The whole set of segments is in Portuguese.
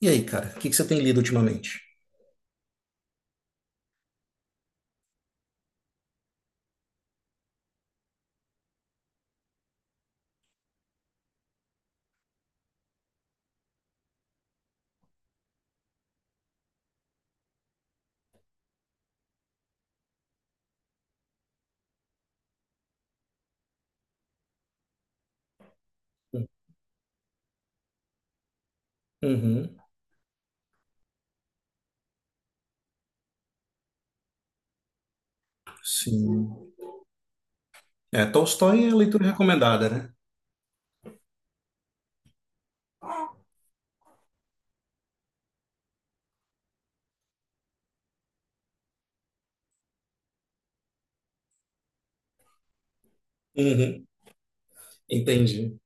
E aí, cara, o que que você tem lido ultimamente? Uhum, sim. É, Tolstói é a leitura recomendada, né? Uhum, entendi.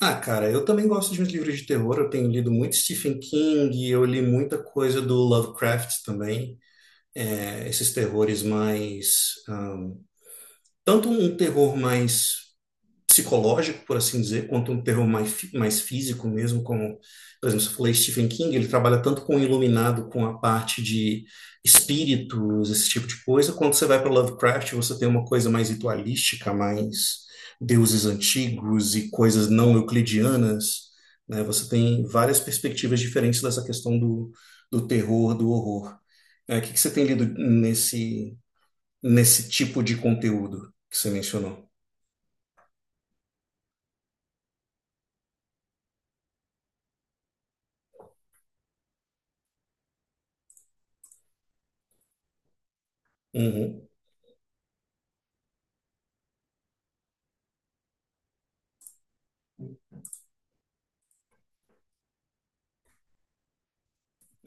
Ah, cara, eu também gosto de uns livros de terror. Eu tenho lido muito Stephen King, eu li muita coisa do Lovecraft também. É, esses terrores mais. Ah, tanto um terror mais psicológico, por assim dizer, quanto um terror mais, mais físico mesmo, como, por exemplo, se eu falei Stephen King, ele trabalha tanto com o iluminado, com a parte de espíritos, esse tipo de coisa, quando você vai para Lovecraft, você tem uma coisa mais ritualística, mais deuses antigos e coisas não euclidianas, né? Você tem várias perspectivas diferentes dessa questão do terror, do horror. É, o que que você tem lido nesse tipo de conteúdo que você mencionou? Uhum.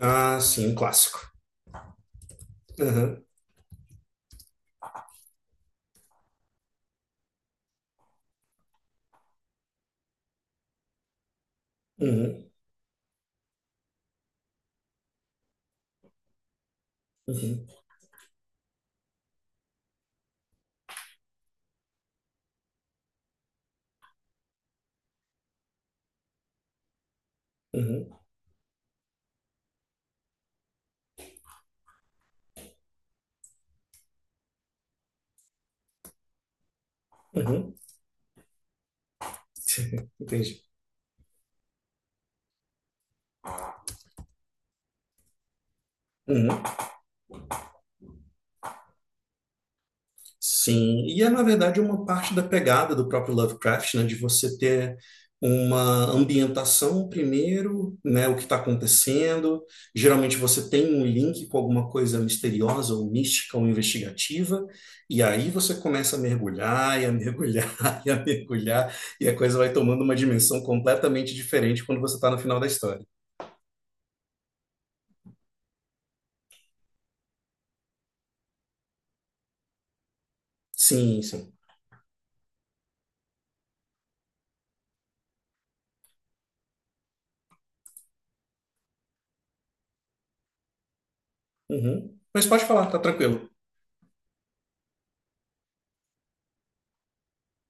Ah, sim, um clássico. Aham, uhum, uhum, uhum, uhum. Entendi. Uhum. Sim, e é na verdade uma parte da pegada do próprio Lovecraft, né, de você ter uma ambientação primeiro, né, o que está acontecendo. Geralmente você tem um link com alguma coisa misteriosa, ou mística, ou investigativa, e aí você começa a mergulhar, e a mergulhar, e a mergulhar, e a coisa vai tomando uma dimensão completamente diferente quando você está no final da história. Sim, sim. Uhum. Mas pode falar, tá tranquilo.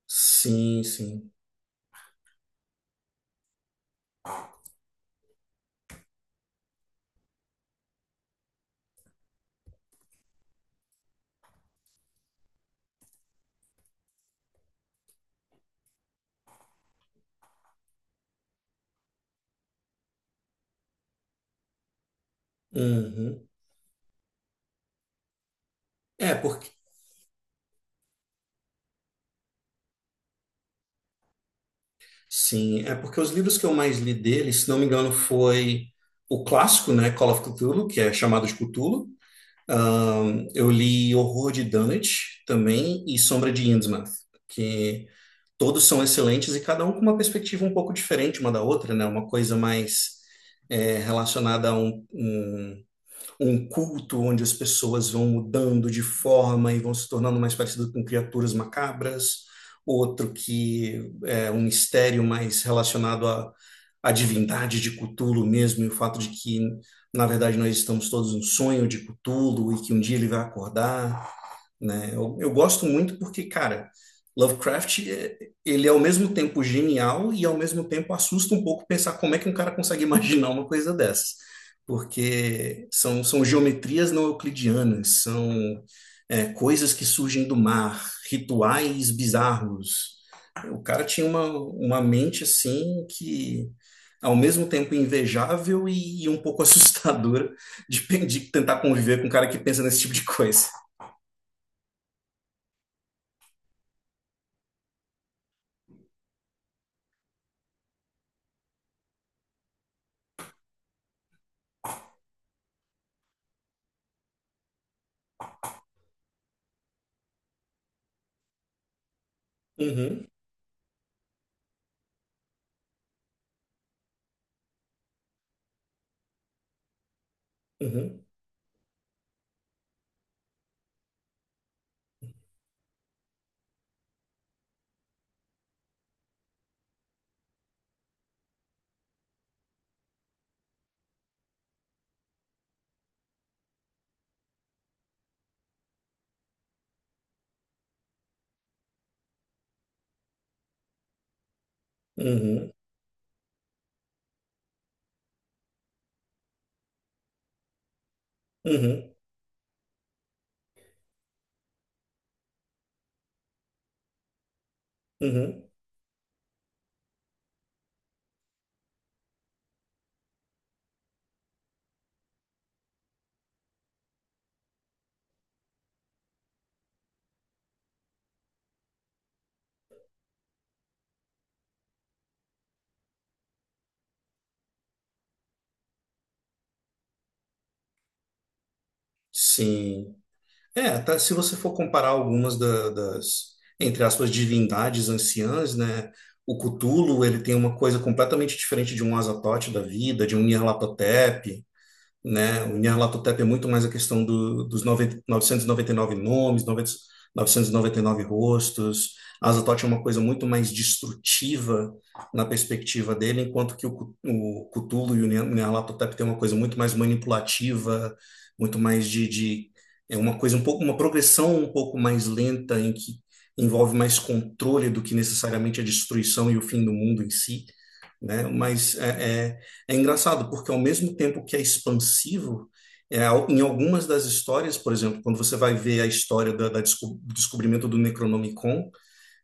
Sim, sim. Uhum. É porque sim, é porque os livros que eu mais li dele, se não me engano, foi o clássico, né, Call of Cthulhu, que é chamado de Cthulhu. Eu li Horror de Dunwich também e Sombra de Innsmouth, que todos são excelentes e cada um com uma perspectiva um pouco diferente uma da outra, né? Uma coisa mais é, relacionada a um culto onde as pessoas vão mudando de forma e vão se tornando mais parecidas com criaturas macabras, outro que é um mistério mais relacionado à divindade de Cthulhu mesmo, e o fato de que, na verdade, nós estamos todos num sonho de Cthulhu e que um dia ele vai acordar, né? Eu gosto muito porque, cara, Lovecraft, ele é ao mesmo tempo genial e ao mesmo tempo assusta um pouco pensar como é que um cara consegue imaginar uma coisa dessas. Porque são geometrias não euclidianas, são é, coisas que surgem do mar, rituais bizarros. O cara tinha uma mente assim que, ao mesmo tempo, invejável e um pouco assustadora de, de tentar conviver com um cara que pensa nesse tipo de coisa. Uhum. Uhum, uhum, uhum, uhum. Sim. É, até se você for comparar algumas das, entre aspas, divindades anciãs, né? O Cthulhu, ele tem uma coisa completamente diferente de um Azathoth da vida, de um Nyarlathotep, né? O Nyarlathotep é muito mais a questão dos noventa novecentos e noventa e nove nomes, noventa novecentos e noventa e nove rostos. Azathoth é uma coisa muito mais destrutiva na perspectiva dele, enquanto que o Cthulhu e o Nyarlathotep tem uma coisa muito mais manipulativa, muito mais de é uma coisa um pouco uma progressão um pouco mais lenta em que envolve mais controle do que necessariamente a destruição e o fim do mundo em si, né? Mas é engraçado, porque ao mesmo tempo que é expansivo, em algumas das histórias, por exemplo, quando você vai ver a história do descobrimento do Necronomicon,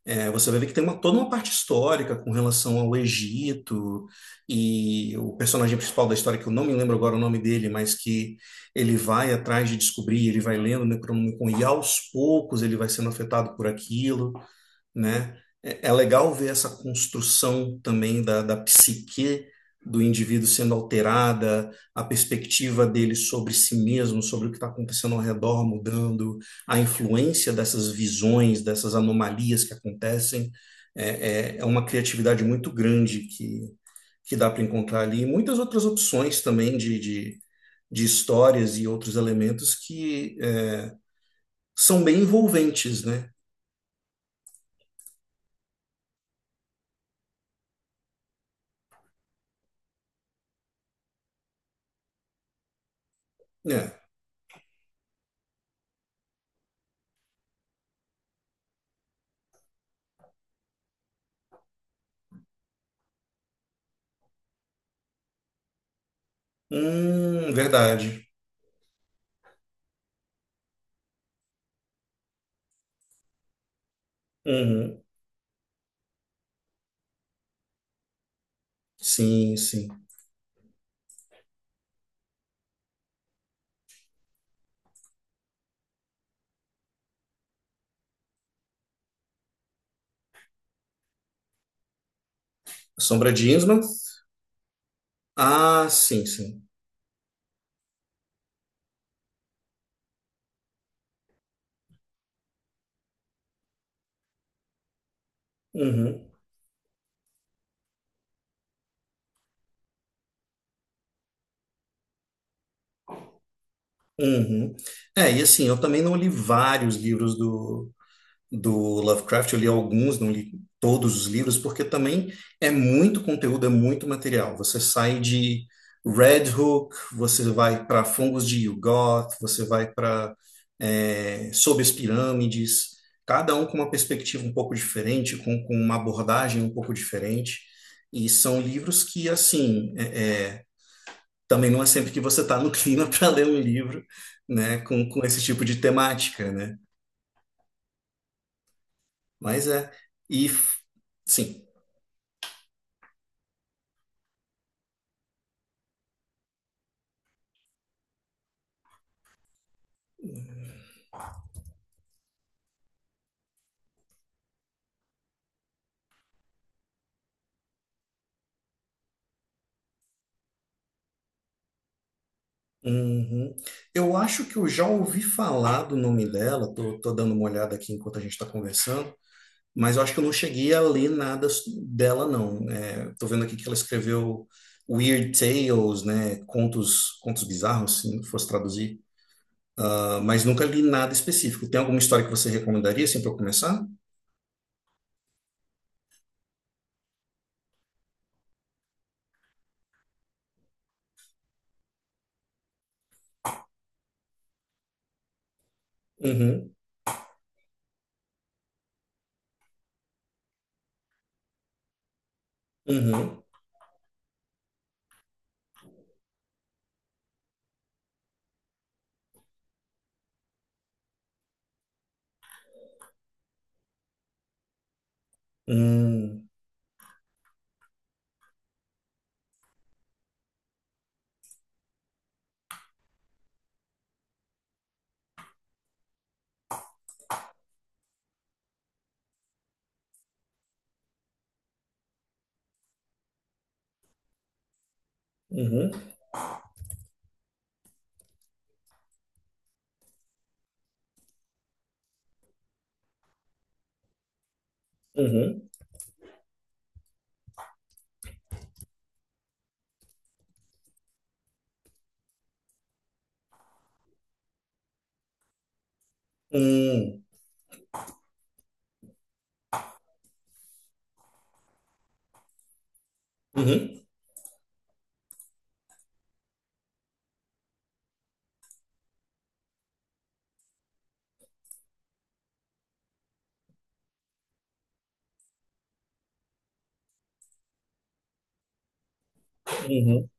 é, você vai ver que tem uma, toda uma parte histórica com relação ao Egito e o personagem principal da história, que eu não me lembro agora o nome dele, mas que ele vai atrás de descobrir, ele vai lendo o Necronomicon e aos poucos ele vai sendo afetado por aquilo, né? É é legal ver essa construção também da psique do indivíduo sendo alterada, a perspectiva dele sobre si mesmo, sobre o que está acontecendo ao redor mudando, a influência dessas visões, dessas anomalias que acontecem. É, é, é uma criatividade muito grande que dá para encontrar ali. E muitas outras opções também de, de histórias e outros elementos que é, são bem envolventes, né? É. Verdade. Uhum. Sim, sim. Sombra de Innsmouth? Ah, sim, sim. Uhum, uhum. É, e assim, eu também não li vários livros do, do Lovecraft, eu li alguns, não li todos os livros, porque também é muito conteúdo, é muito material. Você sai de Red Hook, você vai para Fungos de Yugoth, você vai para é, Sob as Pirâmides, cada um com uma perspectiva um pouco diferente, com uma abordagem um pouco diferente. E são livros que, assim, é, é, também não é sempre que você está no clima para ler um livro, né, com esse tipo de temática, né? Mas é. E f- sim. Uhum. Eu acho que eu já ouvi falar do nome dela, tô dando uma olhada aqui enquanto a gente está conversando, mas eu acho que eu não cheguei a ler nada dela, não. É, tô vendo aqui que ela escreveu Weird Tales, né? Contos, contos bizarros, se fosse traduzir. Ah, mas nunca li nada específico. Tem alguma história que você recomendaria, assim, para eu começar? Uhum, uhum, uhum, uhum, uhum, uhum, uhum, uhum.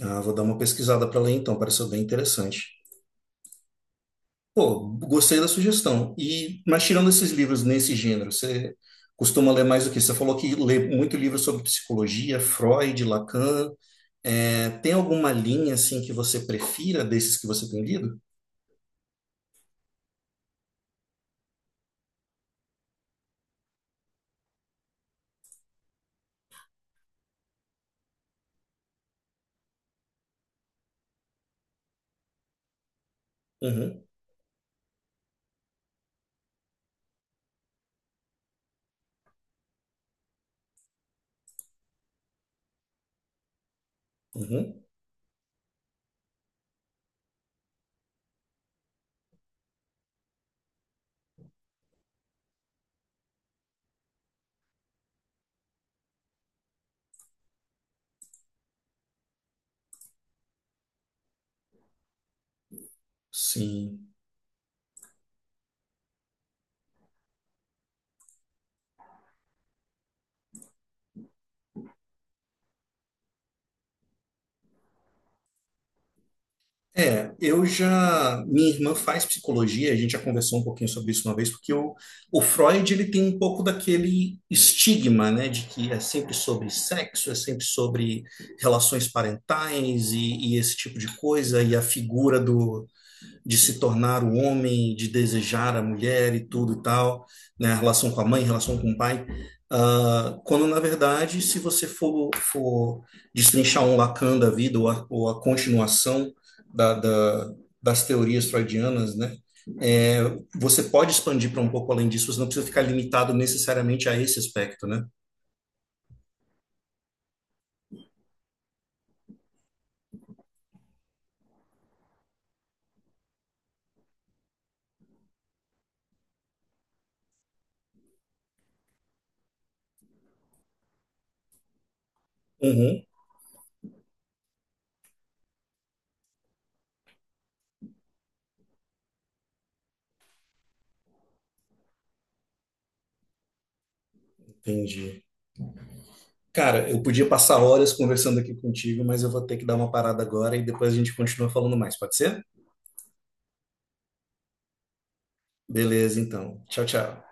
Ah, vou dar uma pesquisada para ler então, pareceu bem interessante. Pô, gostei da sugestão. E, mas tirando esses livros nesse gênero, você costuma ler mais o quê? Você falou que lê muito livro sobre psicologia, Freud, Lacan. É, tem alguma linha assim que você prefira desses que você tem lido? Uhum, uhum, sim. É, eu já, minha irmã faz psicologia, a gente já conversou um pouquinho sobre isso uma vez, porque o Freud, ele tem um pouco daquele estigma, né, de que é sempre sobre sexo, é sempre sobre relações parentais e esse tipo de coisa, e a figura de se tornar o homem, de desejar a mulher e tudo e tal, né? A relação com a mãe, a relação com o pai. Quando, na verdade, se você for destrinchar um Lacan da vida ou ou a continuação da, da, das teorias freudianas, né? É, você pode expandir para um pouco além disso, você não precisa ficar limitado necessariamente a esse aspecto, né? Uhum, entendi. Cara, eu podia passar horas conversando aqui contigo, mas eu vou ter que dar uma parada agora e depois a gente continua falando mais, pode ser? Beleza, então. Tchau, tchau.